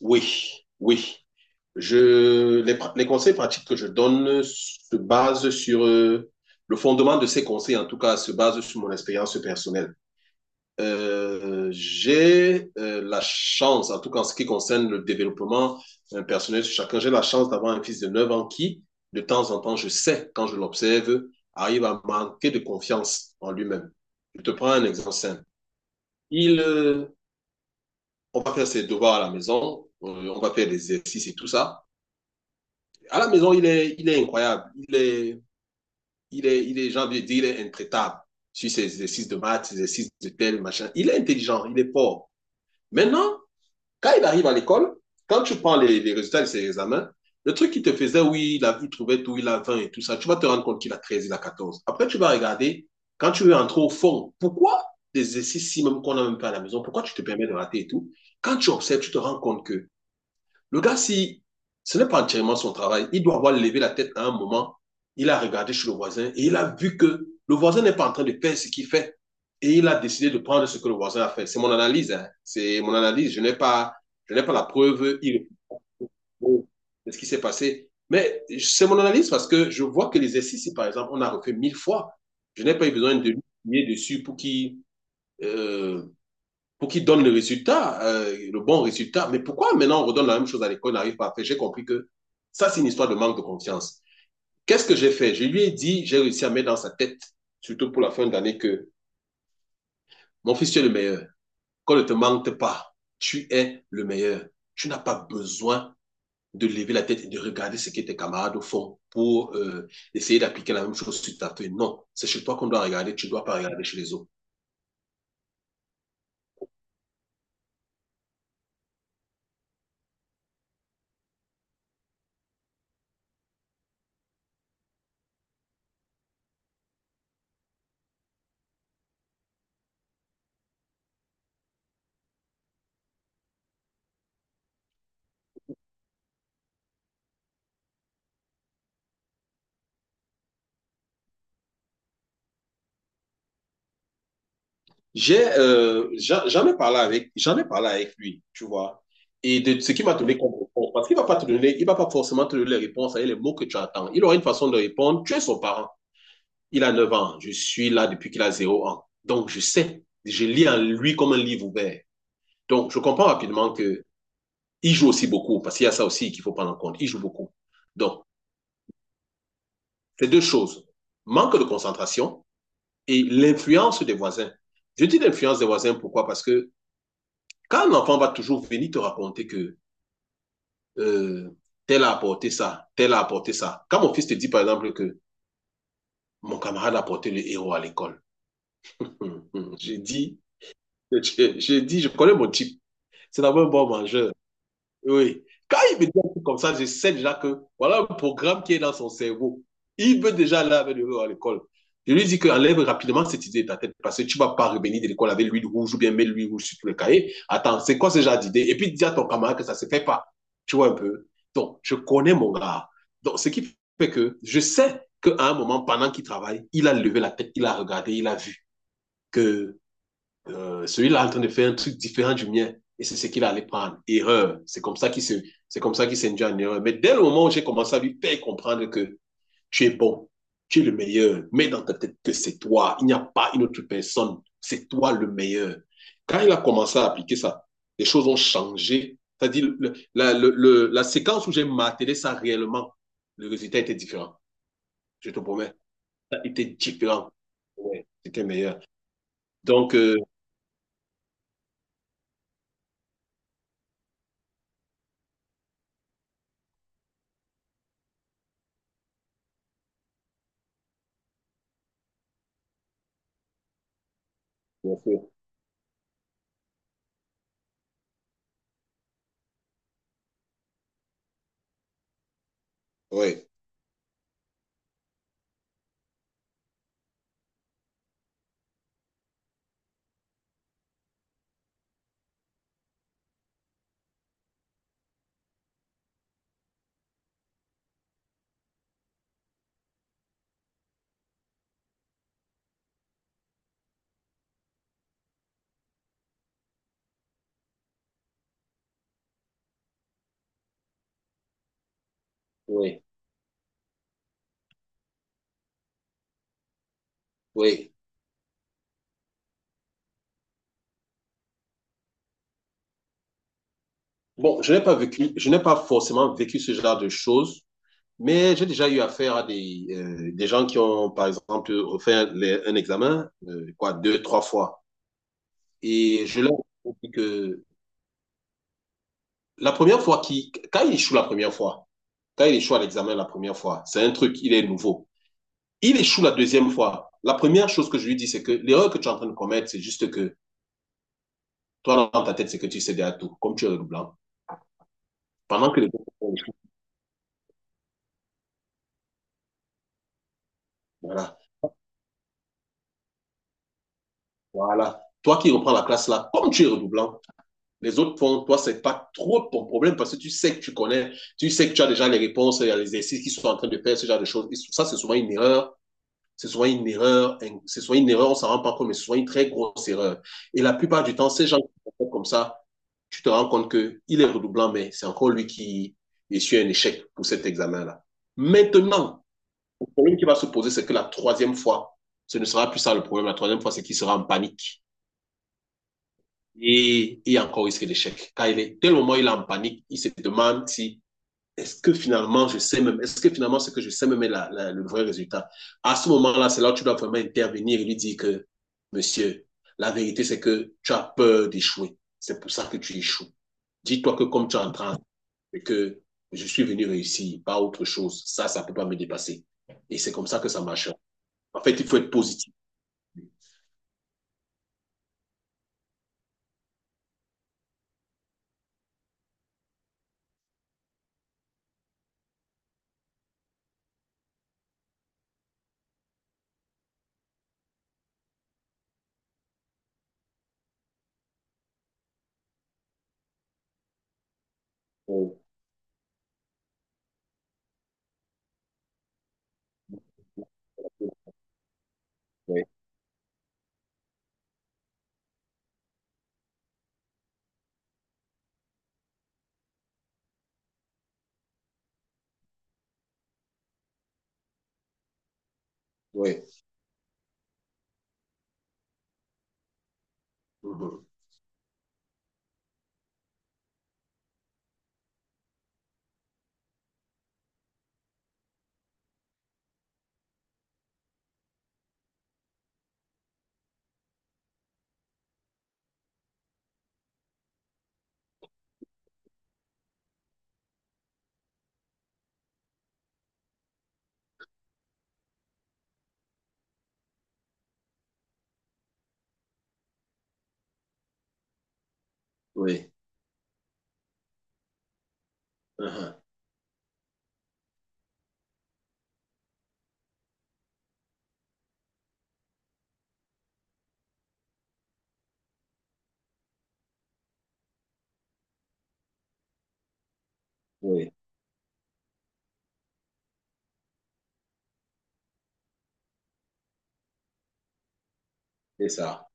Oui, oui. Les conseils pratiques que je donne le fondement de ces conseils, en tout cas, se base sur mon expérience personnelle. J'ai la chance, en tout cas en ce qui concerne le développement personnel sur chacun, j'ai la chance d'avoir un fils de 9 ans qui, de temps en temps, je sais, quand je l'observe, arrive à manquer de confiance en lui-même. Je te prends un exemple simple. Il, euh, on va faire ses devoirs à la maison, on va faire des exercices et tout ça. À la maison, il est incroyable. J'ai envie de dire, il est intraitable sur ses exercices de maths, ses exercices de tel, machin. Il est intelligent, il est fort. Maintenant, quand il arrive à l'école, quand tu prends les résultats de ses examens, le truc qu'il te faisait, oui, il trouvait tout, il a 20 et tout ça, tu vas te rendre compte qu'il a 13, il a 14. Après, tu vas regarder, quand tu veux entrer au fond, pourquoi des exercices si même qu'on n'a même pas à la maison, pourquoi tu te permets de rater et tout. Quand tu observes, tu te rends compte que le gars, si ce n'est pas entièrement son travail, il doit avoir levé la tête à un moment, il a regardé chez le voisin et il a vu que le voisin n'est pas en train de faire ce qu'il fait. Et il a décidé de prendre ce que le voisin a fait. C'est mon analyse, hein. C'est mon analyse. Je n'ai pas la preuve irréfutable de ce qui s'est passé. Mais c'est mon analyse parce que je vois que l'exercice, si par exemple, on a refait mille fois, je n'ai pas eu besoin de lui appuyer dessus euh, pour qu'il donne le bon résultat. Mais pourquoi maintenant on redonne la même chose à l'école, on n'arrive pas à faire. J'ai compris que ça, c'est une histoire de manque de confiance. Qu'est-ce que j'ai fait? Je lui ai dit, j'ai réussi à mettre dans sa tête, surtout pour la fin d'année, que mon fils, tu es le meilleur. Qu'on ne te manque pas, tu es le meilleur. Tu n'as pas besoin de lever la tête et de regarder ce que tes camarades font pour essayer d'appliquer la même chose sur ta feuille. Non, c'est chez toi qu'on doit regarder, tu ne dois pas regarder chez les autres. J'en ai parlé avec lui, tu vois. Et de ce qu'il m'a donné comme réponse, parce qu'il va pas te donner, il va pas forcément te donner les réponses avec les mots que tu attends. Il aura une façon de répondre. Tu es son parent. Il a 9 ans. Je suis là depuis qu'il a zéro ans. Donc je sais. Je lis en lui comme un livre ouvert. Donc je comprends rapidement que il joue aussi beaucoup parce qu'il y a ça aussi qu'il faut prendre en compte. Il joue beaucoup. Donc c'est deux choses. Manque de concentration et l'influence des voisins. Je dis l'influence des voisins pourquoi? Parce que quand un enfant va toujours venir te raconter que euh, tel a apporté ça, tel a apporté ça. Quand mon fils te dit par exemple que mon camarade a apporté le héros à l'école, hum, hum, j'ai dit, je dis, je connais mon type. C'est d'abord un bon mangeur. Oui. Quand il me dit un truc comme ça, je sais déjà que voilà un programme qui est dans son cerveau. Il veut déjà aller avec lui à l'école. Je lui dis qu'enlève rapidement cette idée de ta tête parce que tu ne vas pas revenir de l'école avec l'huile rouge ou bien mettre l'huile rouge sur tout le cahier. Attends, c'est quoi ce genre d'idée? Et puis dis à ton camarade que ça ne se fait pas. Tu vois un peu? Donc, je connais mon gars. Donc, ce qui fait que je sais qu'à un moment, pendant qu'il travaille, il a levé la tête, il a regardé, il a vu que celui-là est en train de faire un truc différent du mien. Et c'est ce qu'il allait prendre. Erreur. C'est comme ça qu'il s'est induit en erreur. Mais dès le moment où j'ai commencé à lui faire comprendre que tu es bon, tu es le meilleur, mets dans ta tête que c'est toi. Il n'y a pas une autre personne. C'est toi le meilleur. Quand il a commencé à appliquer ça, les choses ont changé. C'est-à-dire, le, la séquence où j'ai martelé ça réellement, le résultat était différent. Je te promets, ça était différent. Ouais, c'était meilleur. Donc, euh, ouais, ouais. Oui. Bon, je n'ai pas vécu, je n'ai pas forcément vécu ce genre de choses, mais j'ai déjà eu affaire à des gens qui ont, par exemple, refait un examen, quoi, deux, trois fois. Et je leur ai dit que la première fois qui, quand il échoue la première fois, quand il échoue à l'examen la première fois, c'est un truc, il est nouveau. Il échoue la deuxième fois. La première chose que je lui dis, c'est que l'erreur que tu es en train de commettre, c'est juste que toi, dans ta tête, c'est que tu sais déjà tout, comme tu es le blanc. Pendant que les autres, voilà. Voilà. Toi qui reprends la classe là, comme tu es redoublant, les autres font, toi, c'est pas trop ton problème parce que tu sais que tu connais, tu sais que tu as déjà les réponses, il y a les exercices qui sont en train de faire, ce genre de choses. Et ça, c'est souvent une erreur. C'est souvent une erreur, hein, c'est souvent une erreur, on s'en rend pas compte, mais c'est souvent une très grosse erreur. Et la plupart du temps, ces gens qui font comme ça, tu te rends compte que il est redoublant, mais c'est encore lui qui essuie un échec pour cet examen-là. Maintenant, le problème qui va se poser, c'est que la troisième fois, ce ne sera plus ça le problème. La troisième fois, c'est qu'il sera en panique. Et il y a encore risque d'échec. Car il est, tel moment, où il est en panique, il se demande si, est-ce que finalement, je sais même, est-ce que finalement, ce que je sais même est le vrai résultat? À ce moment-là, c'est là où tu dois vraiment intervenir et lui dire que, monsieur, la vérité, c'est que tu as peur d'échouer. C'est pour ça que tu échoues. Dis-toi que comme tu es en train, et que je suis venu réussir, pas autre chose. Ça ne peut pas me dépasser. Et c'est comme ça que ça marche. En fait, il faut être positif. Oui, oui. Mhm. Oui, mhm, oui, c'est ça.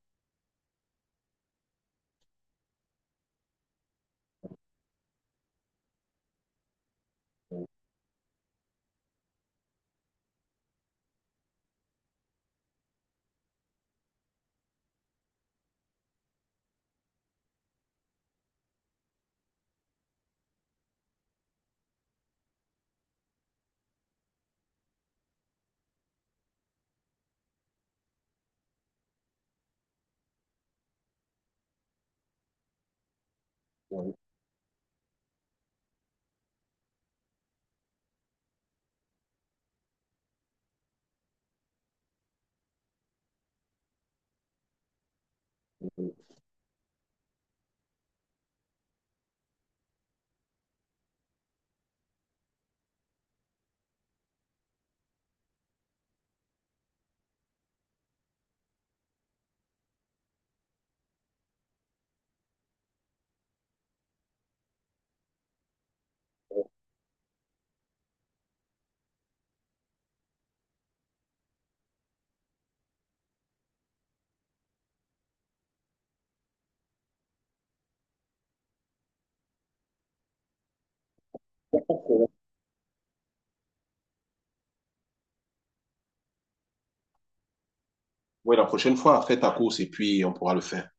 Oui, la prochaine fois, fais ta course et puis on pourra le faire.